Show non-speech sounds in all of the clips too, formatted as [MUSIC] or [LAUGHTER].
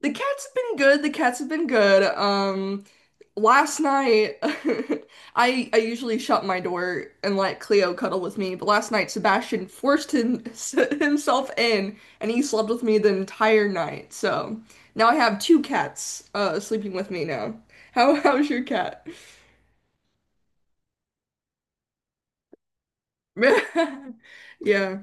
The cats have been good. The cats have been good. Last night, [LAUGHS] I usually shut my door and let Cleo cuddle with me, but last night Sebastian forced him, [LAUGHS] himself in, and he slept with me the entire night. So now I have two cats sleeping with me now. How's your cat? [LAUGHS] Yeah.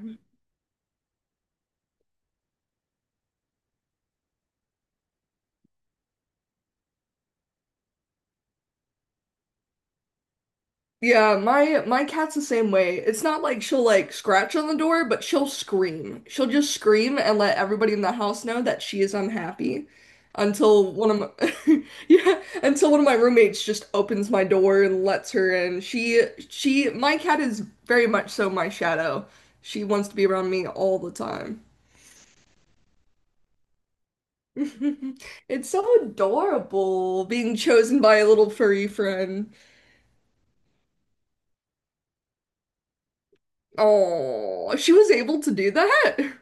Yeah, my cat's the same way. It's not like she'll like scratch on the door, but she'll scream. She'll just scream and let everybody in the house know that she is unhappy until one of my [LAUGHS] yeah, until one of my roommates just opens my door and lets her in. She my cat is very much so my shadow. She wants to be around me all the time. [LAUGHS] It's so adorable being chosen by a little furry friend. Oh, she was able to do that? [LAUGHS]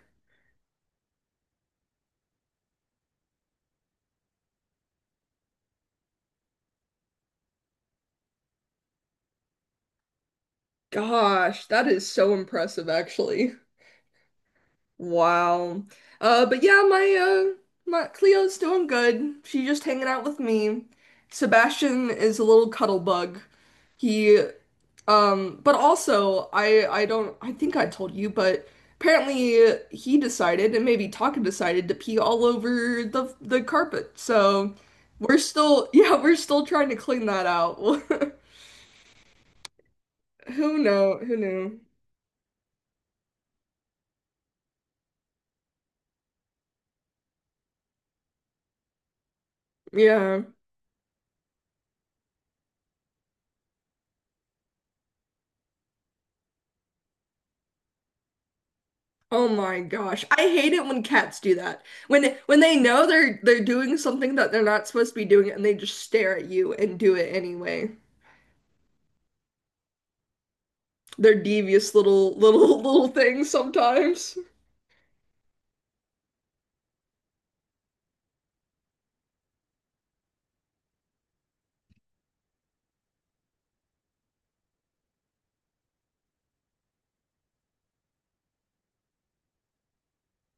Gosh, that is so impressive, actually. Wow. But yeah, my Cleo's doing good. She's just hanging out with me. Sebastian is a little cuddle bug. He, but also I don't I think I told you, but apparently he decided, and maybe Taka decided to pee all over the carpet. So we're still [LAUGHS] yeah we're still trying to clean that out. [LAUGHS] Who know? Who knew? Yeah. Oh my gosh. I hate it when cats do that. When they know they're doing something that they're not supposed to be doing and they just stare at you and do it anyway. They're devious little [LAUGHS] little things sometimes.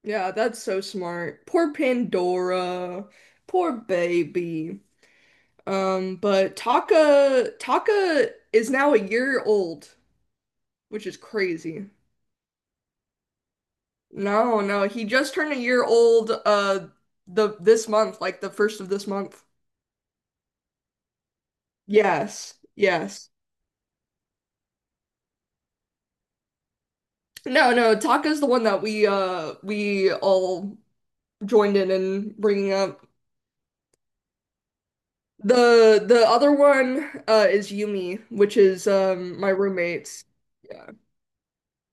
Yeah, that's so smart. Poor Pandora. Poor baby. But Taka is now a year old, which is crazy. No, no, he just turned a year old the this month, like the first of this month. Yes, yes. No, no, Taka's the one that we all joined in bringing up. The other one is Yumi, which is my roommate's. Yeah.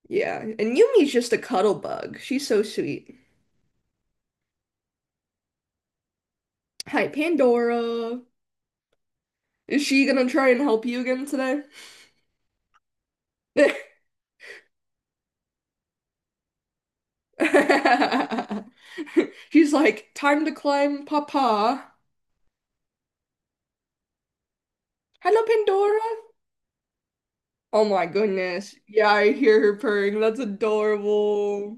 Yeah. And Yumi's just a cuddle bug. She's so sweet. Hi, Pandora. Is she gonna try and help you again today? [LAUGHS] She's like, time to climb, Papa. Hello, Pandora. Oh my goodness. Yeah, I hear her purring. That's adorable.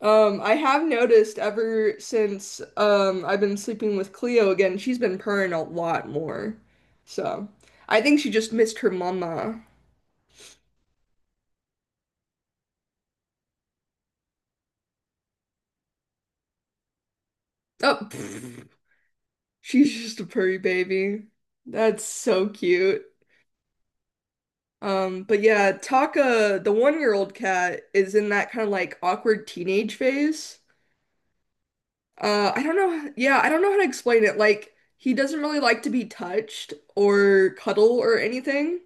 I have noticed ever since I've been sleeping with Cleo again, she's been purring a lot more. So, I think she just missed her mama. Oh, [LAUGHS] pfft. She's just a purry baby. That's so cute. But yeah, Taka, the one-year-old cat, is in that kind of like awkward teenage phase. I don't know. Yeah, I don't know how to explain it. Like, he doesn't really like to be touched or cuddle or anything,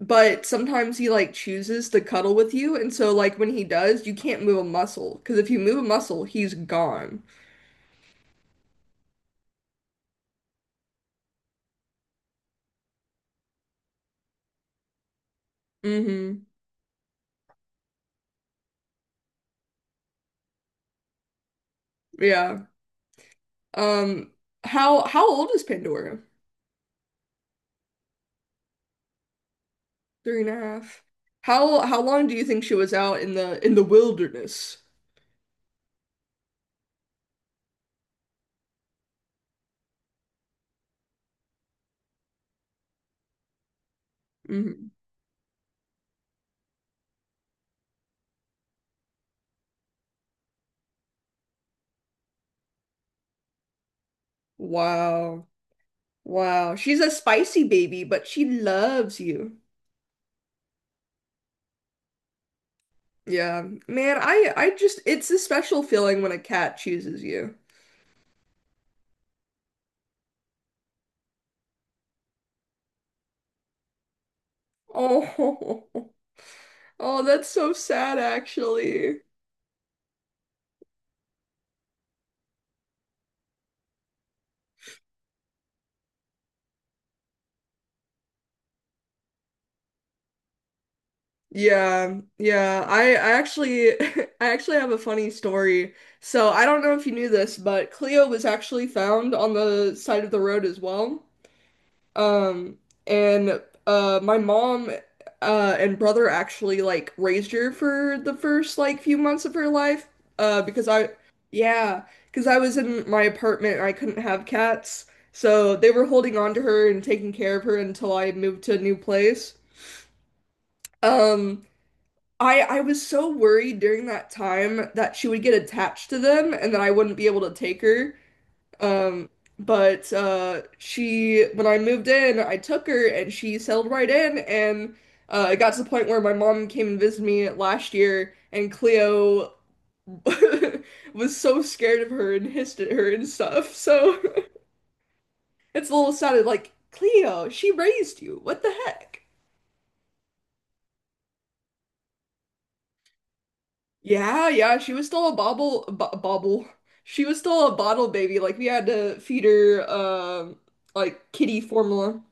but sometimes he like chooses to cuddle with you, and so like when he does, you can't move a muscle because if you move a muscle, he's gone. Mm-hmm. Yeah. Um, how old is Pandora? Three and a half. How long do you think she was out in the wilderness? Hmm. Wow. Wow. She's a spicy baby, but she loves you. Yeah. Man, I just it's a special feeling when a cat chooses you. Oh. [LAUGHS] Oh, that's so sad actually. Yeah. Yeah. I actually [LAUGHS] I actually have a funny story. So, I don't know if you knew this, but Cleo was actually found on the side of the road as well. Um, and my mom and brother actually like raised her for the first like few months of her life. Because I yeah, because I was in my apartment and I couldn't have cats. So they were holding on to her and taking care of her until I moved to a new place. Um I was so worried during that time that she would get attached to them and that I wouldn't be able to take her. Um, but she when I moved in, I took her and she settled right in and it got to the point where my mom came and visited me last year and Cleo [LAUGHS] was so scared of her and hissed at her and stuff. So [LAUGHS] it's a little sad like Cleo, she raised you. What the heck? Yeah, yeah, she was still a bobble bo bobble. She was still a bottle baby. Like we had to feed her like kitty formula.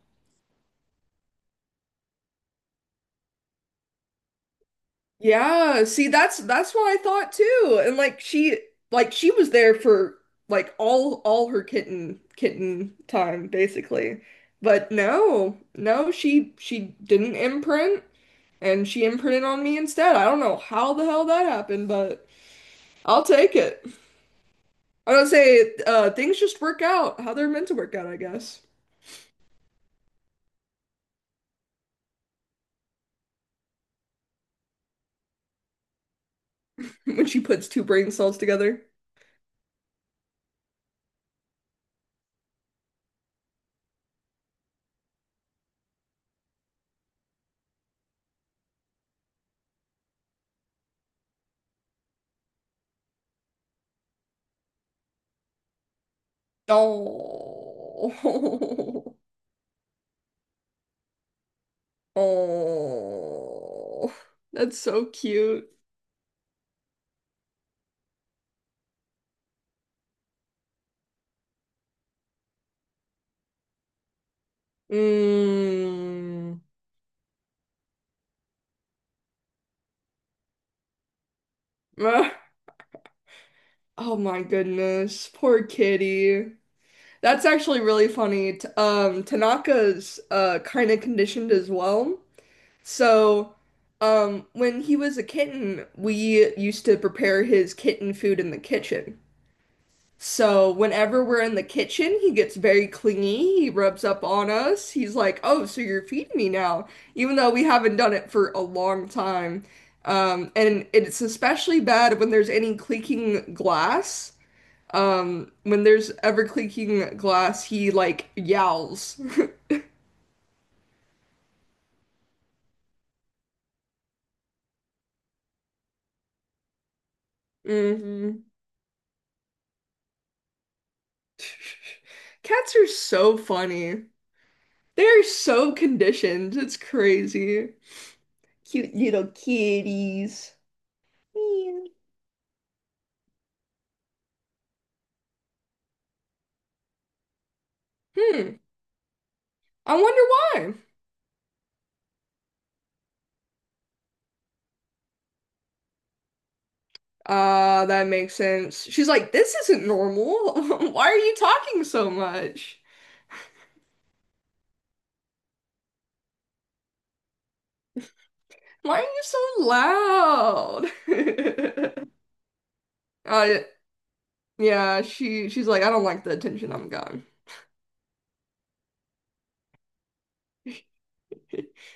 Yeah, see that's what I thought too. And like she was there for like all her kitten time basically. But no, no, she didn't imprint and she imprinted on me instead. I don't know how the hell that happened, but I'll take it. I don't say things just work out how they're meant to work out, I guess. [LAUGHS] When she puts two brain cells together. Oh. [LAUGHS] Oh, that's so cute. Mm. Ah, oh my goodness, poor kitty. That's actually really funny. Tanaka's kind of conditioned as well. So, when he was a kitten, we used to prepare his kitten food in the kitchen. So whenever we're in the kitchen, he gets very clingy. He rubs up on us. He's like, "Oh, so you're feeding me now," even though we haven't done it for a long time. And it's especially bad when there's any clinking glass. When there's ever clinking glass, he like yowls. [LAUGHS] Hmm. [LAUGHS] Cats are so funny. They're so conditioned. It's crazy. Cute little kitties. Meow. Hmm. I wonder why. That makes sense. She's like, this isn't normal. [LAUGHS] Why are you talking so much? Why are you so loud? [LAUGHS] Uh, yeah, she she's like, I don't like the attention I'm getting. [LAUGHS]